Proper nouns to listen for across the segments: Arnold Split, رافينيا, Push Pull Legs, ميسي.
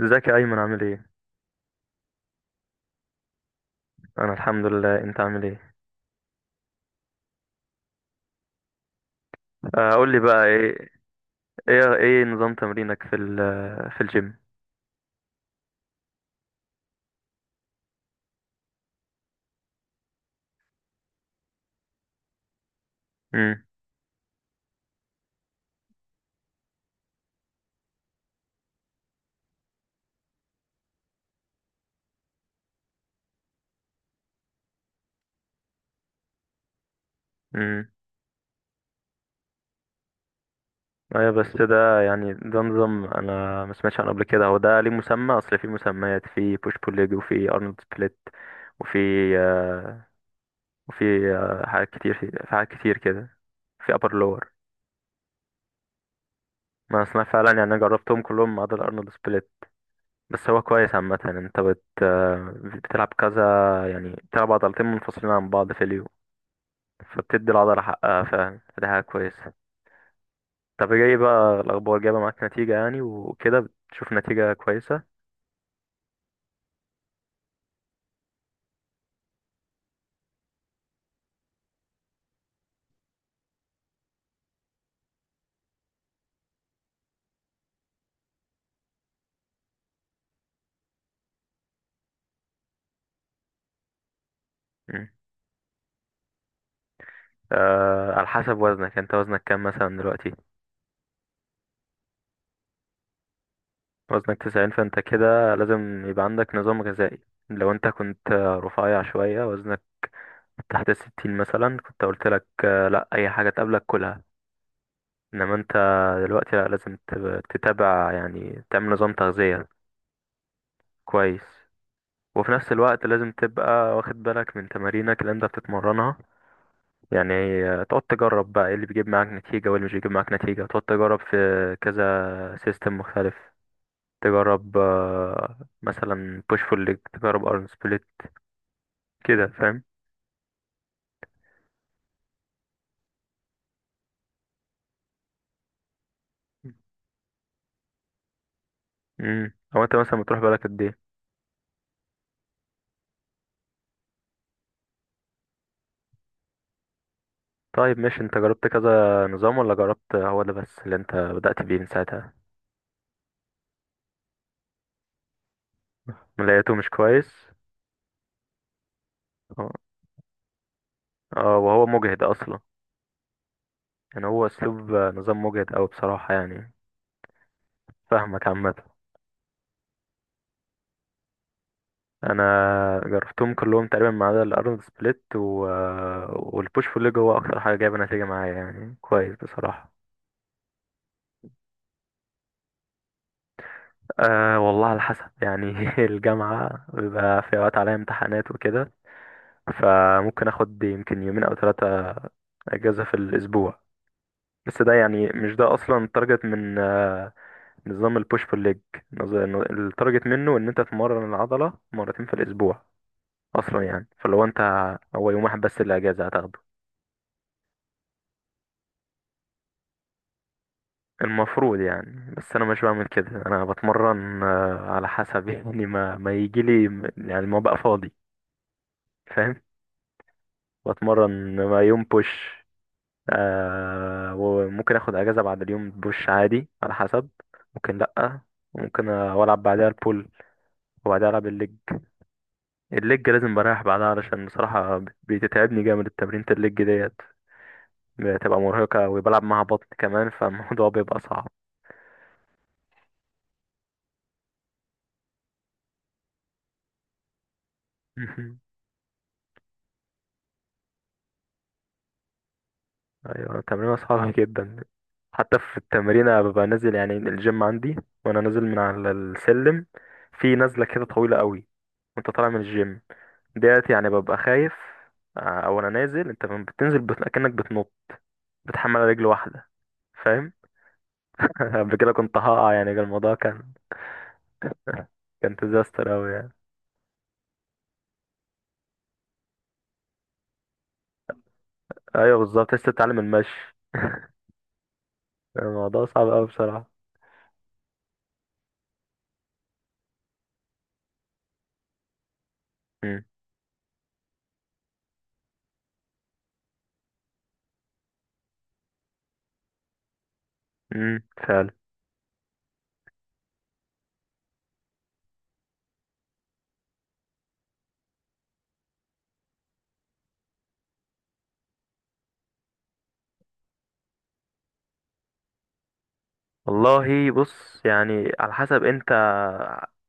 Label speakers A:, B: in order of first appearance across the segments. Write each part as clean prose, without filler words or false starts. A: ازيك يا ايمن، عامل ايه؟ انا الحمد لله، انت عامل ايه؟ آه، قول لي بقى ايه. ايه نظام تمرينك في الجيم؟ امم. امم. ايوه، بس ده يعني ده نظام انا ما سمعتش عنه قبل كده. هو ده ليه مسمى؟ اصل في مسميات، في بوش بول ليج، وفي ارنولد سبليت، وفي آه، وفي حاجات كتير، في حاجات كتير كده، في ابر لور. ما اسمع فعلا، يعني انا جربتهم كلهم ما عدا الارنولد سبليت. بس هو كويس عامة. انت بت آه، بتلعب كذا، يعني بتلعب عضلتين منفصلين عن بعض في اليوم، فبتدي العضلة حقها فعلا، فدي حاجة كويسة. طب جاي بقى الأخبار، جايبة معاك نتيجة يعني وكده؟ بتشوف نتيجة كويسة؟ مم. على حسب وزنك، انت وزنك كام مثلا دلوقتي؟ وزنك 90، فانت كده لازم يبقى عندك نظام غذائي. لو انت كنت رفيع شوية، وزنك تحت الـ60 مثلا، كنت قلت لك لا، أي حاجة تقابلك كلها. انما انت دلوقتي لا، لازم تتابع، يعني تعمل نظام تغذية كويس. وفي نفس الوقت لازم تبقى واخد بالك من تمارينك اللي انت بتتمرنها، يعني تقعد تجرب بقى ايه اللي بيجيب معاك نتيجة وايه اللي مش بيجيب معاك نتيجة، تقعد تجرب في كذا سيستم مختلف. تجرب مثلا بوش فول ليج، تجرب ارن سبليت، كده فاهم؟ امم. او انت مثلا بتروح بالك قد ايه؟ طيب ماشي، انت جربت كذا نظام ولا جربت هو ده بس اللي انت بدأت بيه من ساعتها؟ لقيته مش كويس. اه. وهو مجهد اصلا، يعني هو اسلوب نظام مجهد اوي بصراحة يعني. فاهمك عامة. انا جربتهم كلهم تقريبا ما عدا الارنولد سبليت والبوش بول ليج هو اكتر حاجه جايبه نتيجه معايا، يعني كويس بصراحه. أه والله، على حسب يعني الجامعه بيبقى في اوقات عليا امتحانات وكده، فممكن اخد يمكن يومين او 3 اجازه في الاسبوع. بس ده يعني مش ده اصلا التارجت من نظام البوش بول ليج. نظ- التارجت منه ان انت تمرن العضله مرتين في الاسبوع اصلا يعني. فلو انت، هو يوم واحد بس اللي اجازه هتاخده المفروض يعني. بس انا مش بعمل كده، انا بتمرن على حسب يعني ما يجي لي، يعني ما بقى فاضي، فاهم؟ بتمرن ما يوم بوش، آه، وممكن اخد اجازة بعد اليوم بوش عادي على حسب. ممكن لأ، ممكن العب بعدها البول، وبعدها العب الليج. الليج لازم بريح بعدها، علشان بصراحة بتتعبني جامد التمرينة الليج ديت، بتبقى مرهقة وبلعب معاها بطن كمان، فالموضوع بيبقى صعب. ايوه، تمرين صعب جدا. حتى في التمرين أنا ببقى نازل، يعني الجيم عندي وانا نازل من على السلم، في نزله كده طويله قوي وانت طالع من الجيم ديت، يعني ببقى خايف. او انا نازل، انت لما بتنزل كأنك بتنط، بتحمل على رجل واحده، فاهم؟ قبل كده كنت هقع، يعني كان الموضوع كان ديزاستر قوي يعني. ايوه بالظبط، لسه بتتعلم المشي. الموضوع صعب قوي بصراحه. امم. فعلا. والله بص، يعني على حسب انت،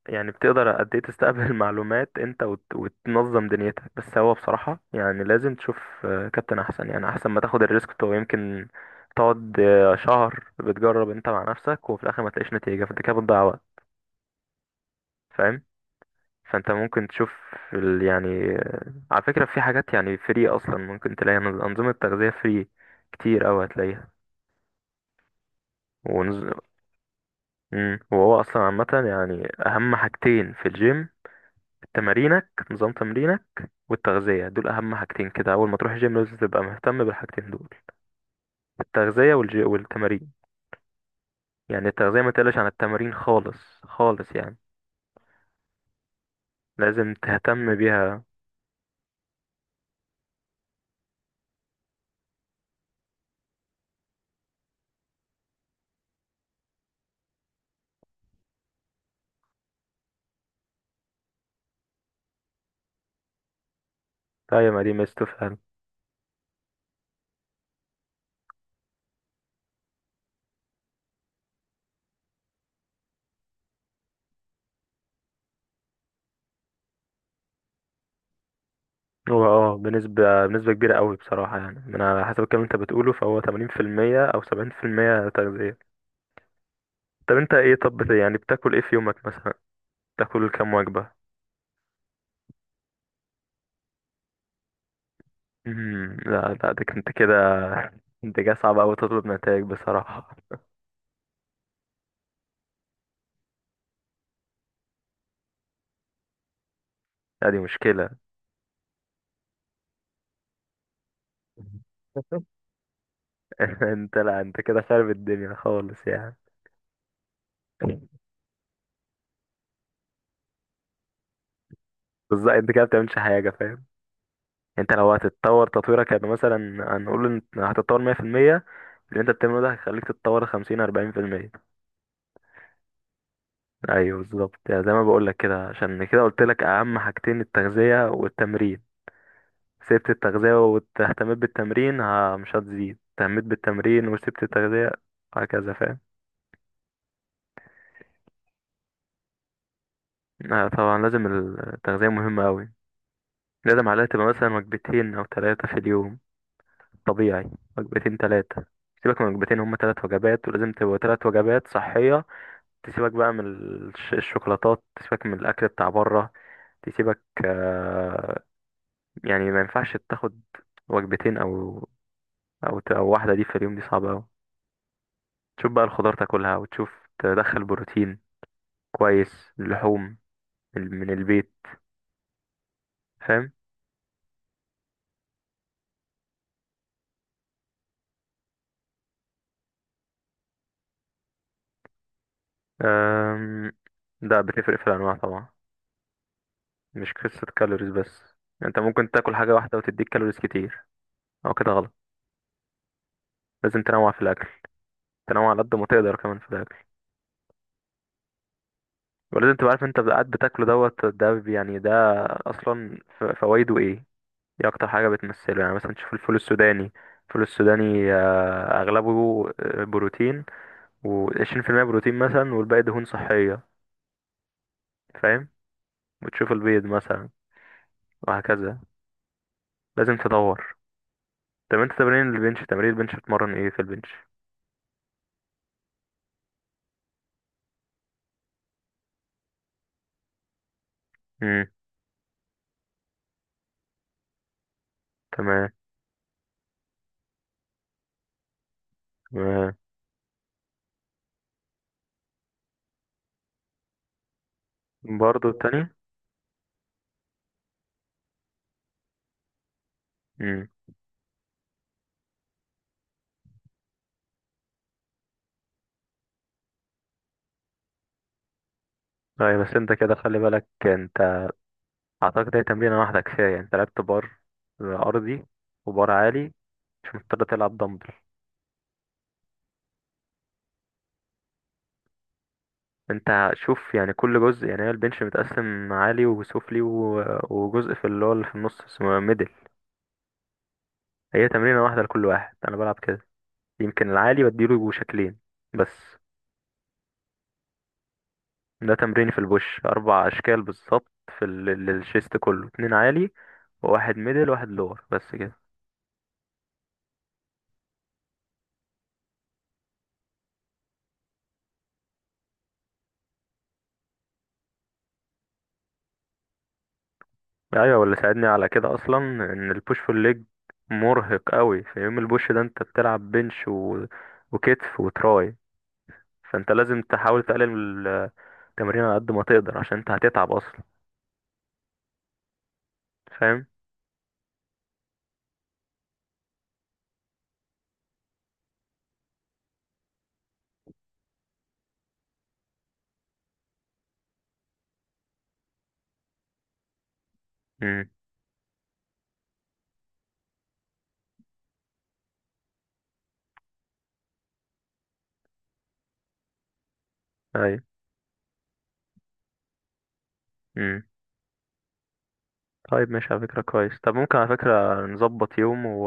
A: يعني بتقدر قد ايه تستقبل معلومات انت وتنظم دنيتك. بس هو بصراحة يعني لازم تشوف كابتن احسن، يعني احسن ما تاخد الريسك بتاعه. يمكن تقعد شهر بتجرب انت مع نفسك وفي الاخر ما تلاقيش نتيجة، فانت كده بتضيع وقت، فاهم؟ فانت ممكن تشوف يعني على فكرة في حاجات يعني فري اصلا، ممكن تلاقي انظمة تغذية فري كتير اوي هتلاقيها. ونز... مم. وهو اصلا عامة يعني اهم حاجتين في الجيم: نظام تمرينك والتغذية، دول أهم حاجتين كده. أول ما تروح جيم لازم تبقى مهتم بالحاجتين دول: التغذية والتمارين. يعني التغذية ما تقلش عن التمارين خالص خالص يعني، لازم تهتم بيها. أيوة، ما دي ميزته فعلا. هو اه، بنسبة كبيرة قوي بصراحة، يعني من على حسب الكلام اللي انت بتقوله، فهو 80% أو 70% تغذية. طب انت ايه؟ طب يعني بتاكل ايه في يومك مثلا؟ بتاكل كام وجبة؟ مم، لا ده انت كده، انت كده صعب أوي تطلب نتائج بصراحة. لا دي مشكلة. انت، لا انت كده خارب الدنيا خالص يعني. بالظبط، انت كده بتعملش حاجة، فاهم؟ انت لو هتتطور تطويرك يعني مثلا، هنقول ان هتتطور 100%، اللي انت بتعمله ده هيخليك تتطور 50 40%. ايوه بالظبط، يعني زي ما بقول لك كده، عشان كده قلت لك اهم حاجتين التغذية والتمرين. سبت التغذية واهتميت بالتمرين، ها مش هتزيد. اهتميت بالتمرين وسبت التغذية، هكذا فاهم. آه طبعا، لازم التغذية مهمة أوي، لازم عليها تبقى مثلا وجبتين أو 3 في اليوم طبيعي. وجبتين ثلاثة، سيبك من وجبتين، هما 3 وجبات، ولازم تبقى 3 وجبات صحية. تسيبك بقى من الشوكولاتات، تسيبك من الأكل بتاع بره، تسيبك يعني ما ينفعش تاخد وجبتين أو، أو أو واحدة دي في اليوم، دي صعبة أوي. تشوف بقى الخضار تاكلها، وتشوف تدخل بروتين كويس اللحوم من البيت، فاهم؟ أم، ده بتفرق في الأنواع طبعا، مش قصة كالوريز بس. انت ممكن تاكل حاجة واحدة وتديك كالوريز كتير، او كده غلط. لازم تنوع في الاكل، تنوع على قد ما تقدر كمان في الاكل. ولازم تبقى عارف انت قاعد بتاكله دوت ده يعني ده اصلا فوايده ايه، دي اكتر حاجة بتمثله. يعني مثلا تشوف الفول السوداني، الفول السوداني اغلبه بروتين، و20% بروتين مثلا، والباقي دهون صحية، فاهم؟ وتشوف البيض مثلا، وهكذا، لازم تدور. طب انت تمرين البنش، تمرين البنش بتمرن ايه في البنش؟ امم. تمام. برضه التانية. امم. طيب بس انت كده خلي بالك، انت اعتقد هي تمرينة واحدة كفاية. يعني انت لعبت بار ارضي وبار عالي، مش مضطر تلعب دمبل. انت شوف يعني كل جزء، يعني هي البنش متقسم عالي وسفلي وجزء في اللي هو اللي في النص اسمه ميدل. هي تمرينة واحدة لكل واحد، انا بلعب كده. يمكن العالي بديله شكلين بس. ده تمريني في البوش 4 اشكال بالظبط. في الشيست كله 2 عالي، وواحد ميدل وواحد لور، بس كده. ايوه، واللي ساعدني على كده اصلا، ان البوش بول ليج مرهق قوي، في يوم البوش ده انت بتلعب بنش وكتف وتراي، فانت لازم تحاول تقلل التمرين على قد ما تقدر، عشان انت هتتعب اصلا، فاهم؟ امم. ايوه. امم. طيب ماشي على فكره، كويس. طب ممكن على فكره نظبط يوم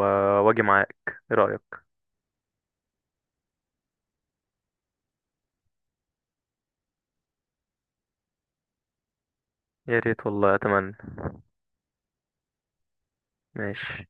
A: واجي معاك، ايه رايك؟ يا ريت والله، اتمنى. ماشي.